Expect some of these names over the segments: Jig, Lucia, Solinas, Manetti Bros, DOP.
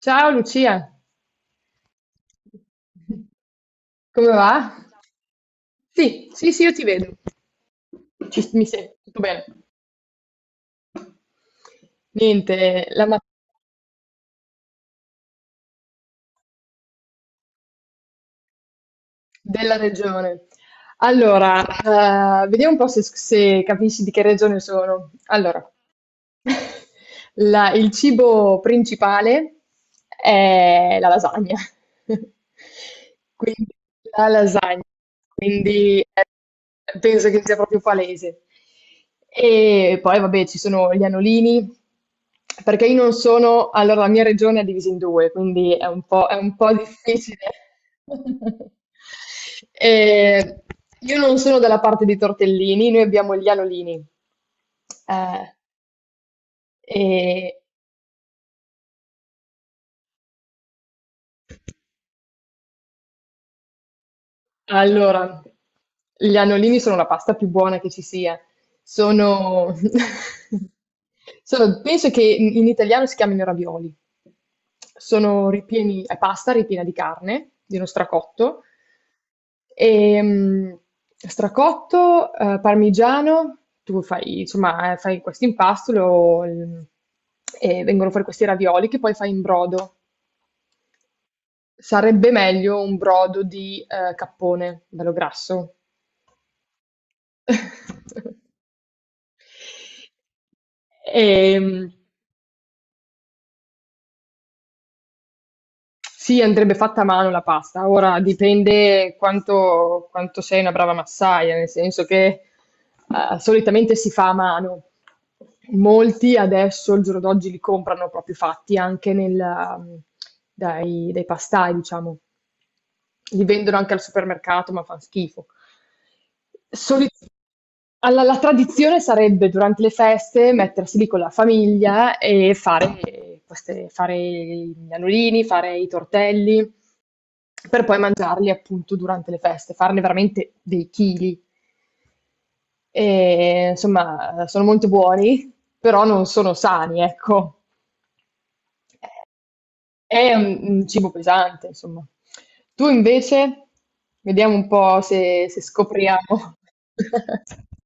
Ciao Lucia, come va? Sì, sì, sì, io ti vedo. Mi sento tutto bene. Niente, la della regione. Allora, vediamo un po' se, se capisci di che regione sono. Allora, il cibo principale è la lasagna. Quindi, la lasagna. Quindi penso che sia proprio palese. E poi, vabbè, ci sono gli anolini, perché io non sono, allora la mia regione è divisa in due, quindi è un è un po' difficile. Eh, io non sono dalla parte dei tortellini, noi abbiamo gli anolini. Eh, e allora, gli annolini sono la pasta più buona che ci sia. Sono, penso che in italiano si chiamino ravioli. Sono ripieni, è pasta ripiena di carne, di uno stracotto, e, stracotto, parmigiano, tu fai, insomma, fai questo impasto e vengono fuori questi ravioli che poi fai in brodo. Sarebbe meglio un brodo di cappone, bello grasso. Ehm, sì, andrebbe fatta a mano la pasta. Ora dipende quanto, quanto sei una brava massaia, nel senso che solitamente si fa a mano. Molti adesso, il giorno d'oggi, li comprano proprio fatti anche nel, dai pastai, diciamo. Li vendono anche al supermercato, ma fan schifo. Soli alla la tradizione sarebbe durante le feste mettersi lì con la famiglia e fare queste fare i nanolini, fare i tortelli, per poi mangiarli appunto durante le feste, farne veramente dei chili. E, insomma, sono molto buoni, però non sono sani, ecco. È un cibo pesante, insomma. Tu invece, vediamo un po' se, se scopriamo.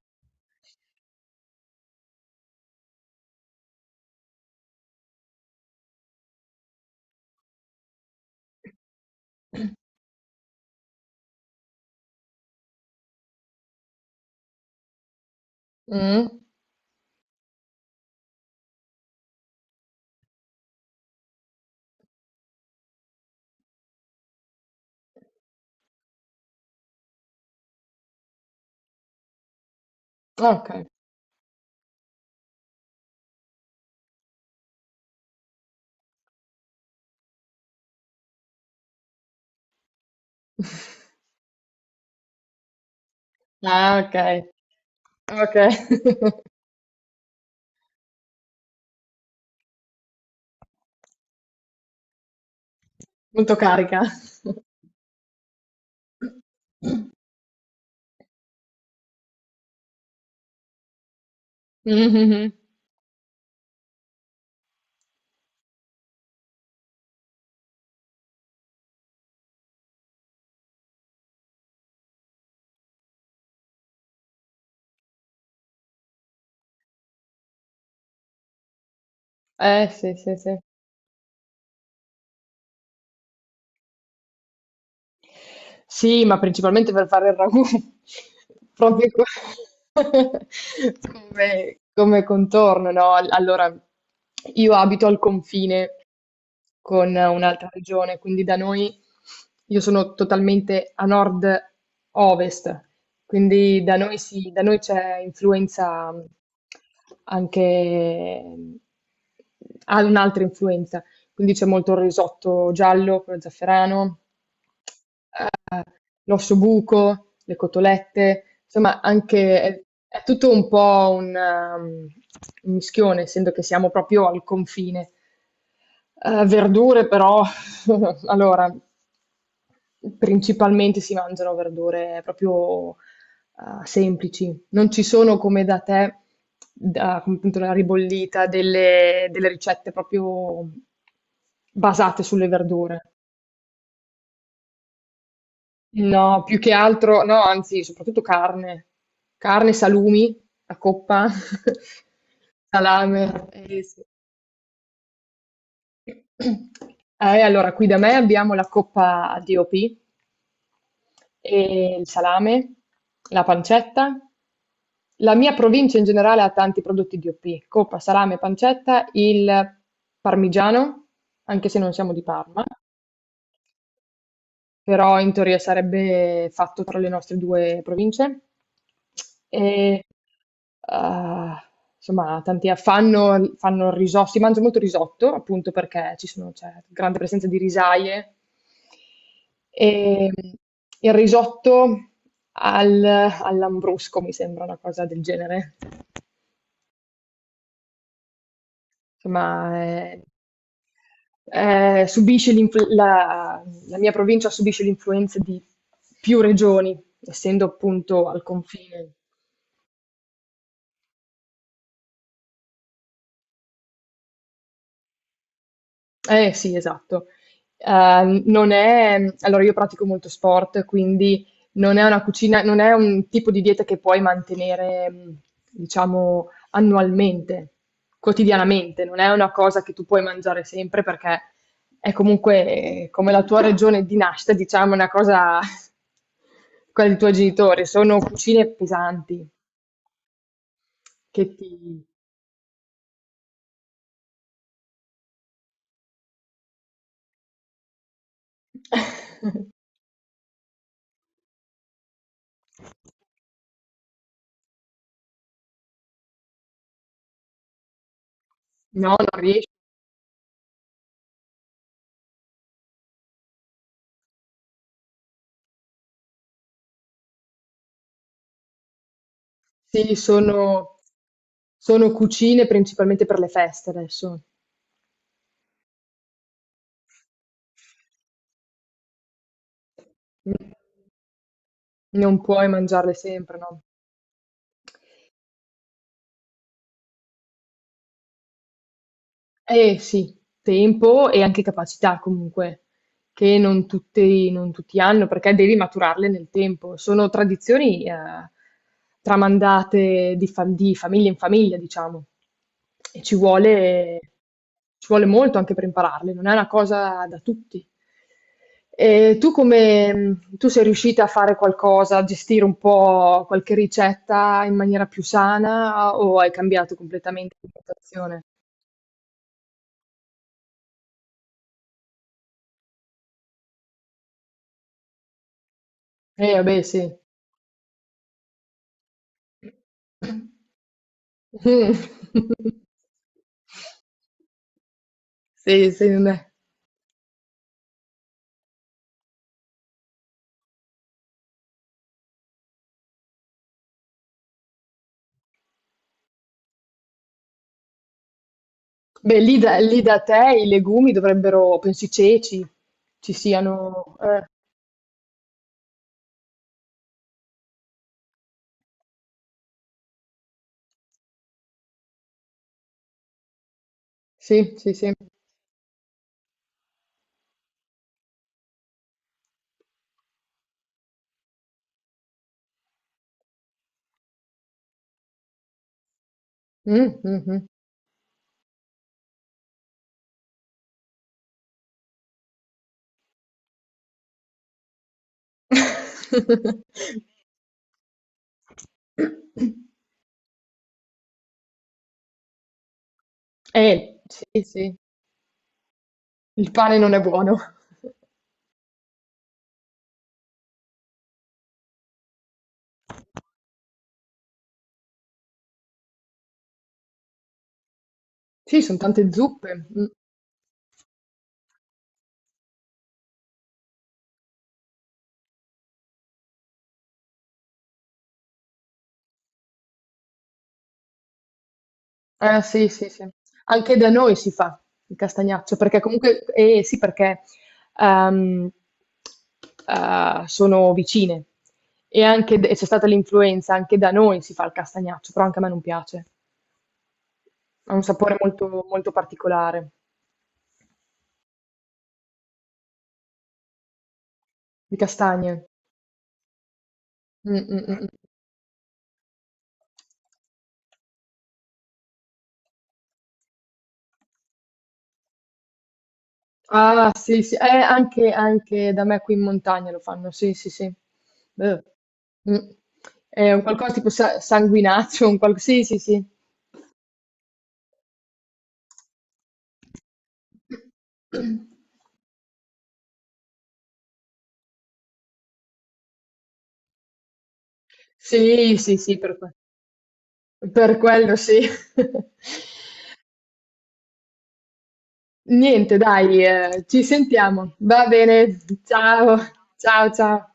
Mm? Ok. Ah, ok. Ok. Molto carica. Mhm. Sì, sì, sì. Sì, ma principalmente per fare il ragù. Proprio co- come, come contorno, no? Allora, io abito al confine con un'altra regione, quindi da noi io sono totalmente a nord-ovest, quindi da noi sì, da noi c'è influenza anche, ha un'altra influenza, quindi c'è molto il risotto giallo, quello zafferano, l'ossobuco, le cotolette, insomma anche è tutto un po' un mischione, essendo che siamo proprio al confine. Verdure però allora, principalmente si mangiano verdure proprio, semplici. Non ci sono come da te, da come appunto la ribollita, delle ricette proprio basate sulle verdure. No, più che altro, no, anzi, soprattutto carne, carne, salumi, a coppa, salame. Ah, eh. Sì. Allora, qui da me abbiamo la coppa DOP, e il salame, la pancetta. La mia provincia in generale ha tanti prodotti DOP, coppa, salame, pancetta, il parmigiano, anche se non siamo di Parma. Però in teoria sarebbe fatto tra le nostre due province. E, ah, insomma, tanti fanno, fanno risotto, si mangia molto risotto, appunto perché ci sono, c'è grande presenza di risaie. E il risotto all'ambrusco mi sembra una cosa del genere. Insomma, è eh, subisce l'influ- la, la mia provincia subisce l'influenza di più regioni, essendo appunto al confine. Eh sì, esatto. Non è allora io pratico molto sport, quindi non è una cucina non è un tipo di dieta che puoi mantenere, diciamo annualmente, quotidianamente, non è una cosa che tu puoi mangiare sempre perché è comunque come la tua regione di nascita, diciamo, è una cosa quella dei tuoi genitori, sono cucine pesanti che ti no, non ries sì, sono sono cucine principalmente per le feste adesso. Mh. Non puoi mangiarle sempre, no. Eh sì, tempo e anche capacità comunque, che non tutti, non tutti hanno, perché devi maturarle nel tempo. Sono tradizioni tramandate di, di famiglia in famiglia, diciamo, e ci vuole molto anche per impararle, non è una cosa da tutti. E tu come, tu sei riuscita a fare qualcosa, a gestire un po' qualche ricetta in maniera più sana o hai cambiato completamente l'alimentazione? Vabbè, sì. Mh. Sì, sì, non è beh, lì da te i legumi dovrebbero penso i ceci ci siano sì, sì, sì. Mh-mh. Sì, sì, il pane non è buono. Sì, son tante zuppe. Mh. Eh sì, sì, sì. Anche da noi si fa il castagnaccio, perché comunque, eh sì, perché ehm, sono vicine e anche e c'è stata l'influenza, anche da noi si fa il castagnaccio, però anche a me non piace. Ha un sapore molto, molto particolare di castagne. Mm, mm, mm. Mm. Ah, sì, sì, anche, anche da me qui in montagna lo fanno, sì, sì, sì. Eh. Mm. È un qualcosa tipo sanguinaccio, un qual- sì, sì, sì. Sì, sì, sì, per quello sì. Niente dai, ci sentiamo. Va bene, ciao, ciao, ciao.